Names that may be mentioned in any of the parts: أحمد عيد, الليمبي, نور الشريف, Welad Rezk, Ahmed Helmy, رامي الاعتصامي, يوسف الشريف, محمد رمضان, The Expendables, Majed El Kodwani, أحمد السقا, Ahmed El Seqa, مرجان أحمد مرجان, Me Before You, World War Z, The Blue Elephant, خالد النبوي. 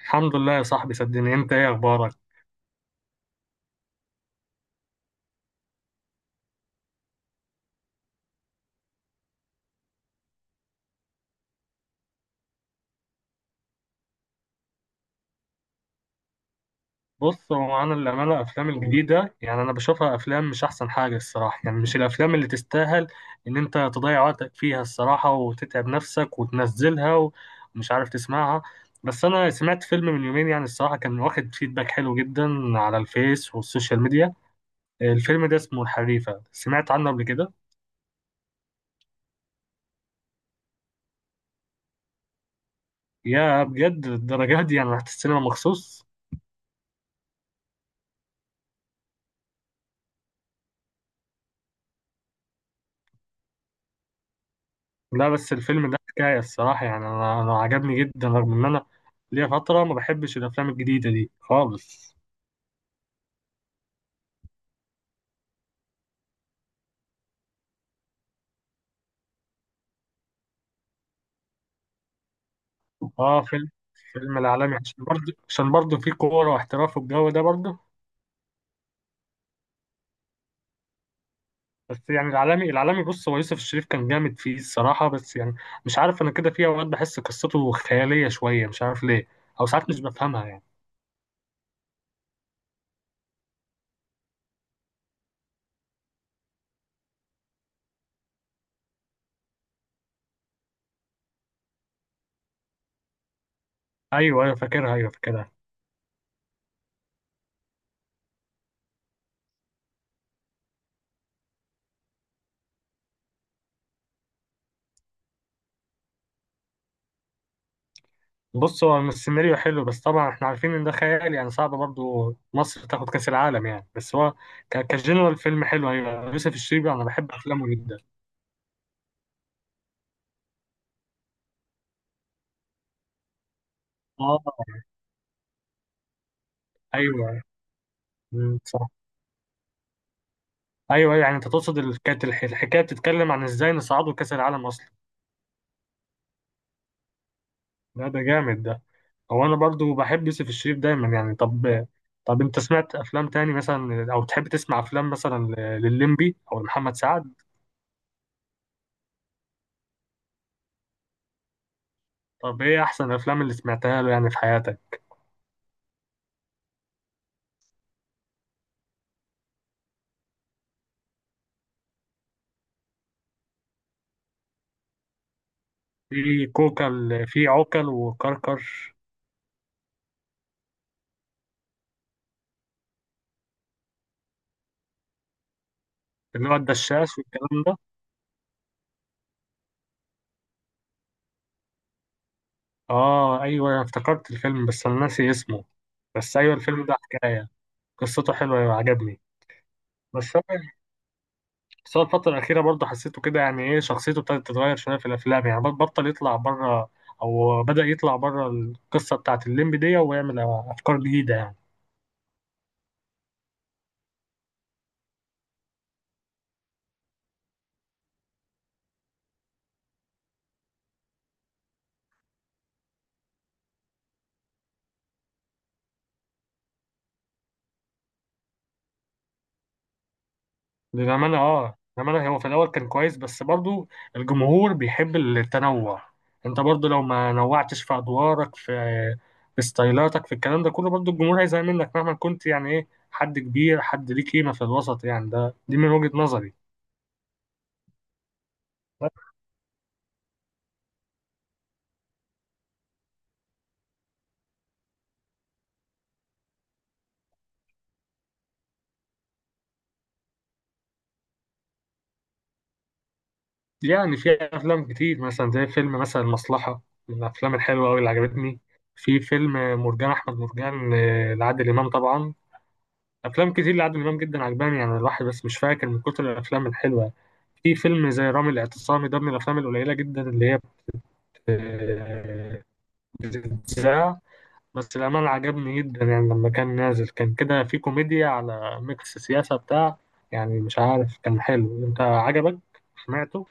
الحمد لله يا صاحبي، صدقني. انت ايه اخبارك؟ بص، هو انا للامانه الافلام الجديده، يعني انا بشوفها افلام مش احسن حاجه الصراحه، يعني مش الافلام اللي تستاهل ان انت تضيع وقتك فيها الصراحه وتتعب نفسك وتنزلها ومش عارف تسمعها. بس انا سمعت فيلم من يومين، يعني الصراحه كان واخد فيدباك حلو جدا على الفيس والسوشيال ميديا. الفيلم ده اسمه الحريفه، سمعت عنه قبل كده؟ يا بجد الدرجات دي، يعني رحت السينما مخصوص؟ لا، بس الفيلم ده حكاية الصراحة، يعني أنا عجبني جدا، رغم إن أنا ليا فترة ما بحبش الأفلام الجديدة دي خالص. آه، فيلم العالمي، عشان برضه فيه كورة واحتراف والجو ده برضه. بس يعني العالمي بص، هو يوسف الشريف كان جامد فيه الصراحة. بس يعني مش عارف أنا، كده في أوقات بحس قصته خيالية شوية، مش عارف ليه. أو ساعات مش بفهمها يعني. أيوه أيوه، فاكرها، أيوه فاكرها. بص، هو السيناريو حلو، بس طبعا احنا عارفين ان ده خيال، يعني صعب برضو مصر تاخد كاس العالم يعني. بس هو كجنرال فيلم حلو. ايوه، يوسف الشريف انا بحب افلامه جدا. اه، ايوه. مم، صح. ايوه ايوه، يعني انت تقصد كانت الحكايه بتتكلم عن ازاي نصعدوا كاس العالم اصلا. لا ده جامد ده. هو انا برضو بحب يوسف الشريف دايما يعني. طب انت سمعت افلام تاني مثلا؟ او تحب تسمع افلام مثلا للليمبي او لمحمد سعد؟ طب ايه احسن الافلام اللي سمعتها له يعني في حياتك؟ في كوكل، في عوكل وكركر. اللي هو الدشاش والكلام ده. اه ايوه، أنا افتكرت الفيلم بس انا ناسي اسمه. بس ايوه الفيلم ده حكايه، قصته حلوه، أيوة عجبني. بس هو بس هو الفتره الاخيره برضه حسيته كده، يعني ايه، شخصيته ابتدت تتغير شويه في الافلام، يعني بطل يطلع بره، او بدا يطلع بره القصه بتاعت الليمبي دي ويعمل افكار جديده يعني. للأمانة، اه للأمانة، هو في الأول كان كويس بس برضو الجمهور بيحب التنوع. أنت برضو لو ما نوعتش في أدوارك، في ستايلاتك، في الكلام ده كله، برضو الجمهور هيزهق منك مهما كنت يعني، إيه حد كبير، حد ليه قيمة في الوسط يعني. ده دي من وجهة نظري. يعني في أفلام كتير مثلا، زي فيلم مثلا المصلحة، من الأفلام الحلوة أوي اللي عجبتني. في فيلم مرجان أحمد مرجان، آه، لعادل إمام طبعا. افلام كتير لعادل امام جدا عجباني يعني الواحد، بس مش فاكر من كتر الافلام الحلوه. في فيلم زي رامي الاعتصامي، ده من الافلام القليله جدا اللي هي بت- بتتذاع. بس الامانه عجبني جدا، يعني لما كان نازل كان كده في كوميديا على ميكس سياسه بتاع، يعني مش عارف، كان حلو. انت عجبك؟ سمعته؟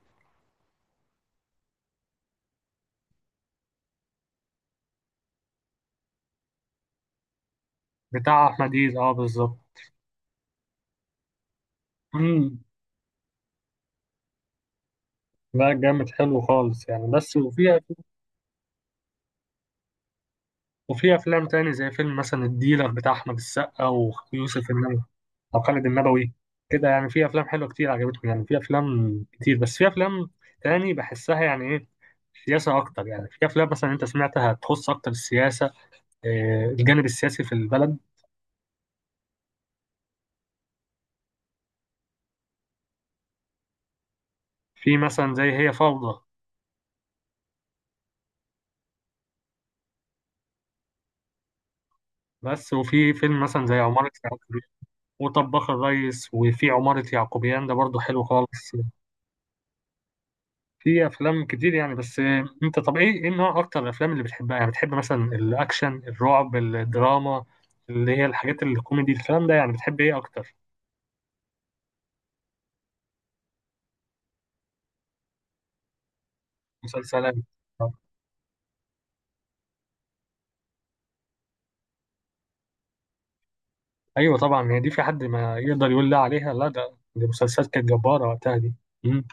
بتاع احمد عيد، اه بالظبط. امم لا جامد حلو خالص يعني. بس وفي، وفي افلام تاني زي فيلم مثلا الديلر بتاع احمد السقا، ويوسف او خالد النبوي كده، يعني في افلام حلوه كتير عجبتهم، يعني في افلام كتير، بس في افلام تاني بحسها يعني ايه، سياسه اكتر. يعني في افلام مثلا انت سمعتها تخص اكتر السياسه، آه، الجانب السياسي في البلد. في مثلا زي هي فوضى. بس وفي فيلم مثلا زي عمارة يعقوبيان، وطباخ الريس، وفي عمارة يعقوبيان ده برضه حلو خالص. في افلام كتير يعني. بس آه، انت طب ايه نوع اكتر الافلام اللي بتحبها؟ يعني بتحب مثلا الاكشن، الرعب، الدراما اللي هي الحاجات الكوميدي، الكلام ده، يعني بتحب ايه اكتر؟ مسلسلات، آه. ايوه طبعا، هي دي، في حد ما يقدر يقول لا عليها. لا ده دي مسلسلات كانت جباره وقتها دي. مم.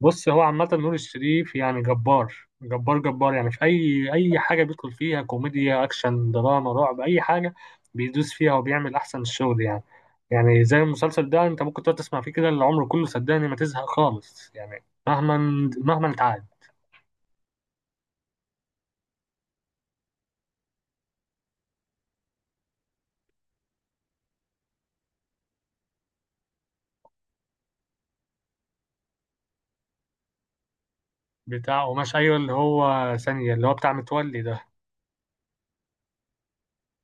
بص، هو عامه نور الشريف يعني جبار جبار جبار، يعني في اي حاجه بيدخل فيها، كوميديا، اكشن، دراما، رعب، اي حاجه بيدوس فيها وبيعمل احسن الشغل يعني. يعني زي المسلسل ده، انت ممكن تقعد تسمع فيه كده العمر كله صدقني، ما تزهق خالص يعني، مهما اتعاد. بتاع قماش، ايوه اللي هو ثانيه، اللي هو بتاع متولي ده.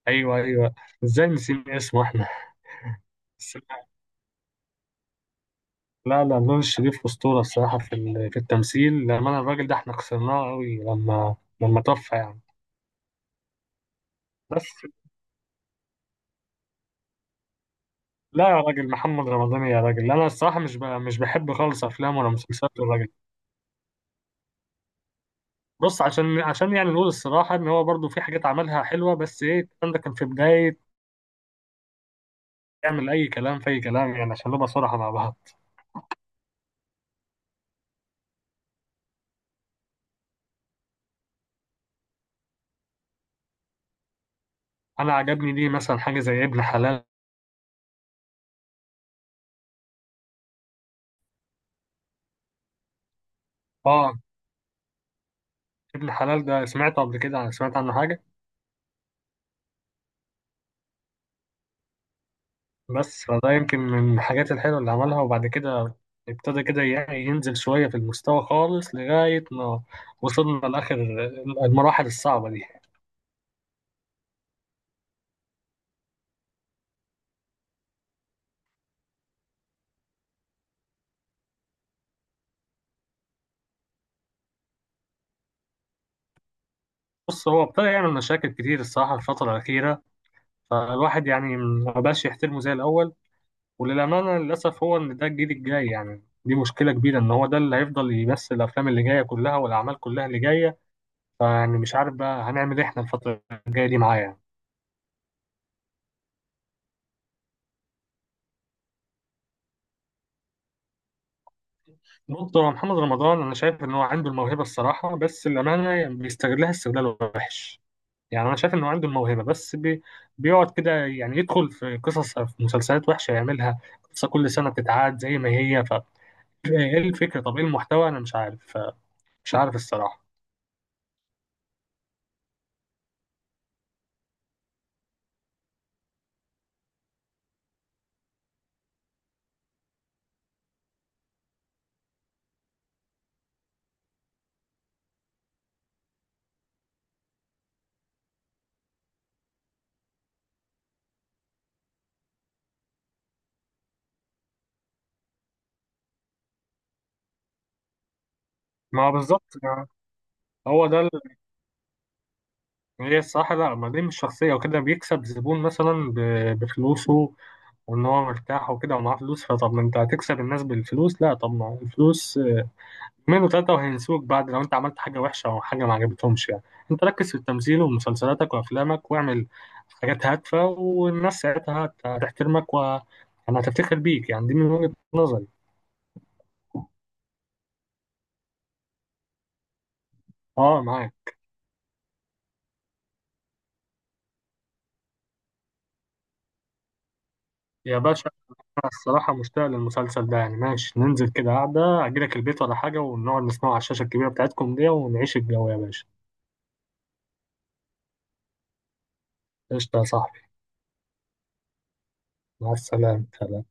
ايوه ايوه، ازاي نسيب اسمه احنا؟ بس لا لا، نور الشريف أسطورة الصراحة في في التمثيل. لما الراجل ده احنا خسرناه قوي، لما توفى يعني. بس لا يا راجل، محمد رمضان يا راجل، انا الصراحة مش بحب خالص افلام ولا مسلسلات الراجل. بص، عشان يعني نقول الصراحة ان هو برضو في حاجات عملها حلوة، بس ايه الكلام ده كان في بداية، يعمل اي كلام في اي كلام، يعني عشان نبقى صراحة مع بعض. انا عجبني دي مثلا حاجة زي ابن حلال. اه ابن حلال ده، سمعته قبل كده، سمعت عنه حاجة. بس فده يمكن من الحاجات الحلوة اللي عملها، وبعد كده ابتدى كده، يعني ينزل شوية في المستوى خالص، لغاية ما وصلنا لآخر المراحل الصعبة دي. بص هو ابتدى يعمل مشاكل كتير الصراحة الفترة الأخيرة، فالواحد يعني مبقاش يحترمه زي الأول. وللأمانة للأسف، هو إن ده الجيل الجاي يعني دي مشكلة كبيرة، إن هو ده اللي هيفضل يمثل الأفلام اللي جاية كلها والأعمال كلها اللي جاية. فيعني مش عارف بقى هنعمل إيه إحنا الفترة الجاية دي معاه يعني. بص، هو محمد رمضان انا شايف ان هو عنده الموهبه الصراحه، بس الامانه يعني بيستغلها استغلال وحش. يعني انا شايف انه عنده الموهبه، بس بيقعد كده يعني يدخل في قصص، في مسلسلات وحشه يعملها، قصه كل سنه بتتعاد زي ما هي. ايه الفكره، طب ايه المحتوى، انا مش عارف، الصراحه. ما هو بالظبط. هو ده هي الصراحه، لا ما دي مش شخصيه، وكده بيكسب زبون مثلا بفلوسه، وان هو مرتاح وكده ومعاه فلوس. فطب ما انت هتكسب الناس بالفلوس. لا طب ما الفلوس اتنين وتلاتة وهينسوك بعد، لو انت عملت حاجة وحشة او حاجة ما عجبتهمش يعني. انت ركز في التمثيل ومسلسلاتك وافلامك، واعمل حاجات هادفة، والناس ساعتها هتحترمك يعني هتفتخر بيك، يعني دي من وجهة نظري. اه معاك. يا باشا، انا الصراحة مشتاق للمسلسل ده، يعني ماشي، ننزل كده قعدة اجيلك البيت ولا حاجة، ونقعد نسمعه على الشاشة الكبيرة بتاعتكم دي ونعيش الجو يا باشا. قشطة يا صاحبي. مع السلامة، سلام.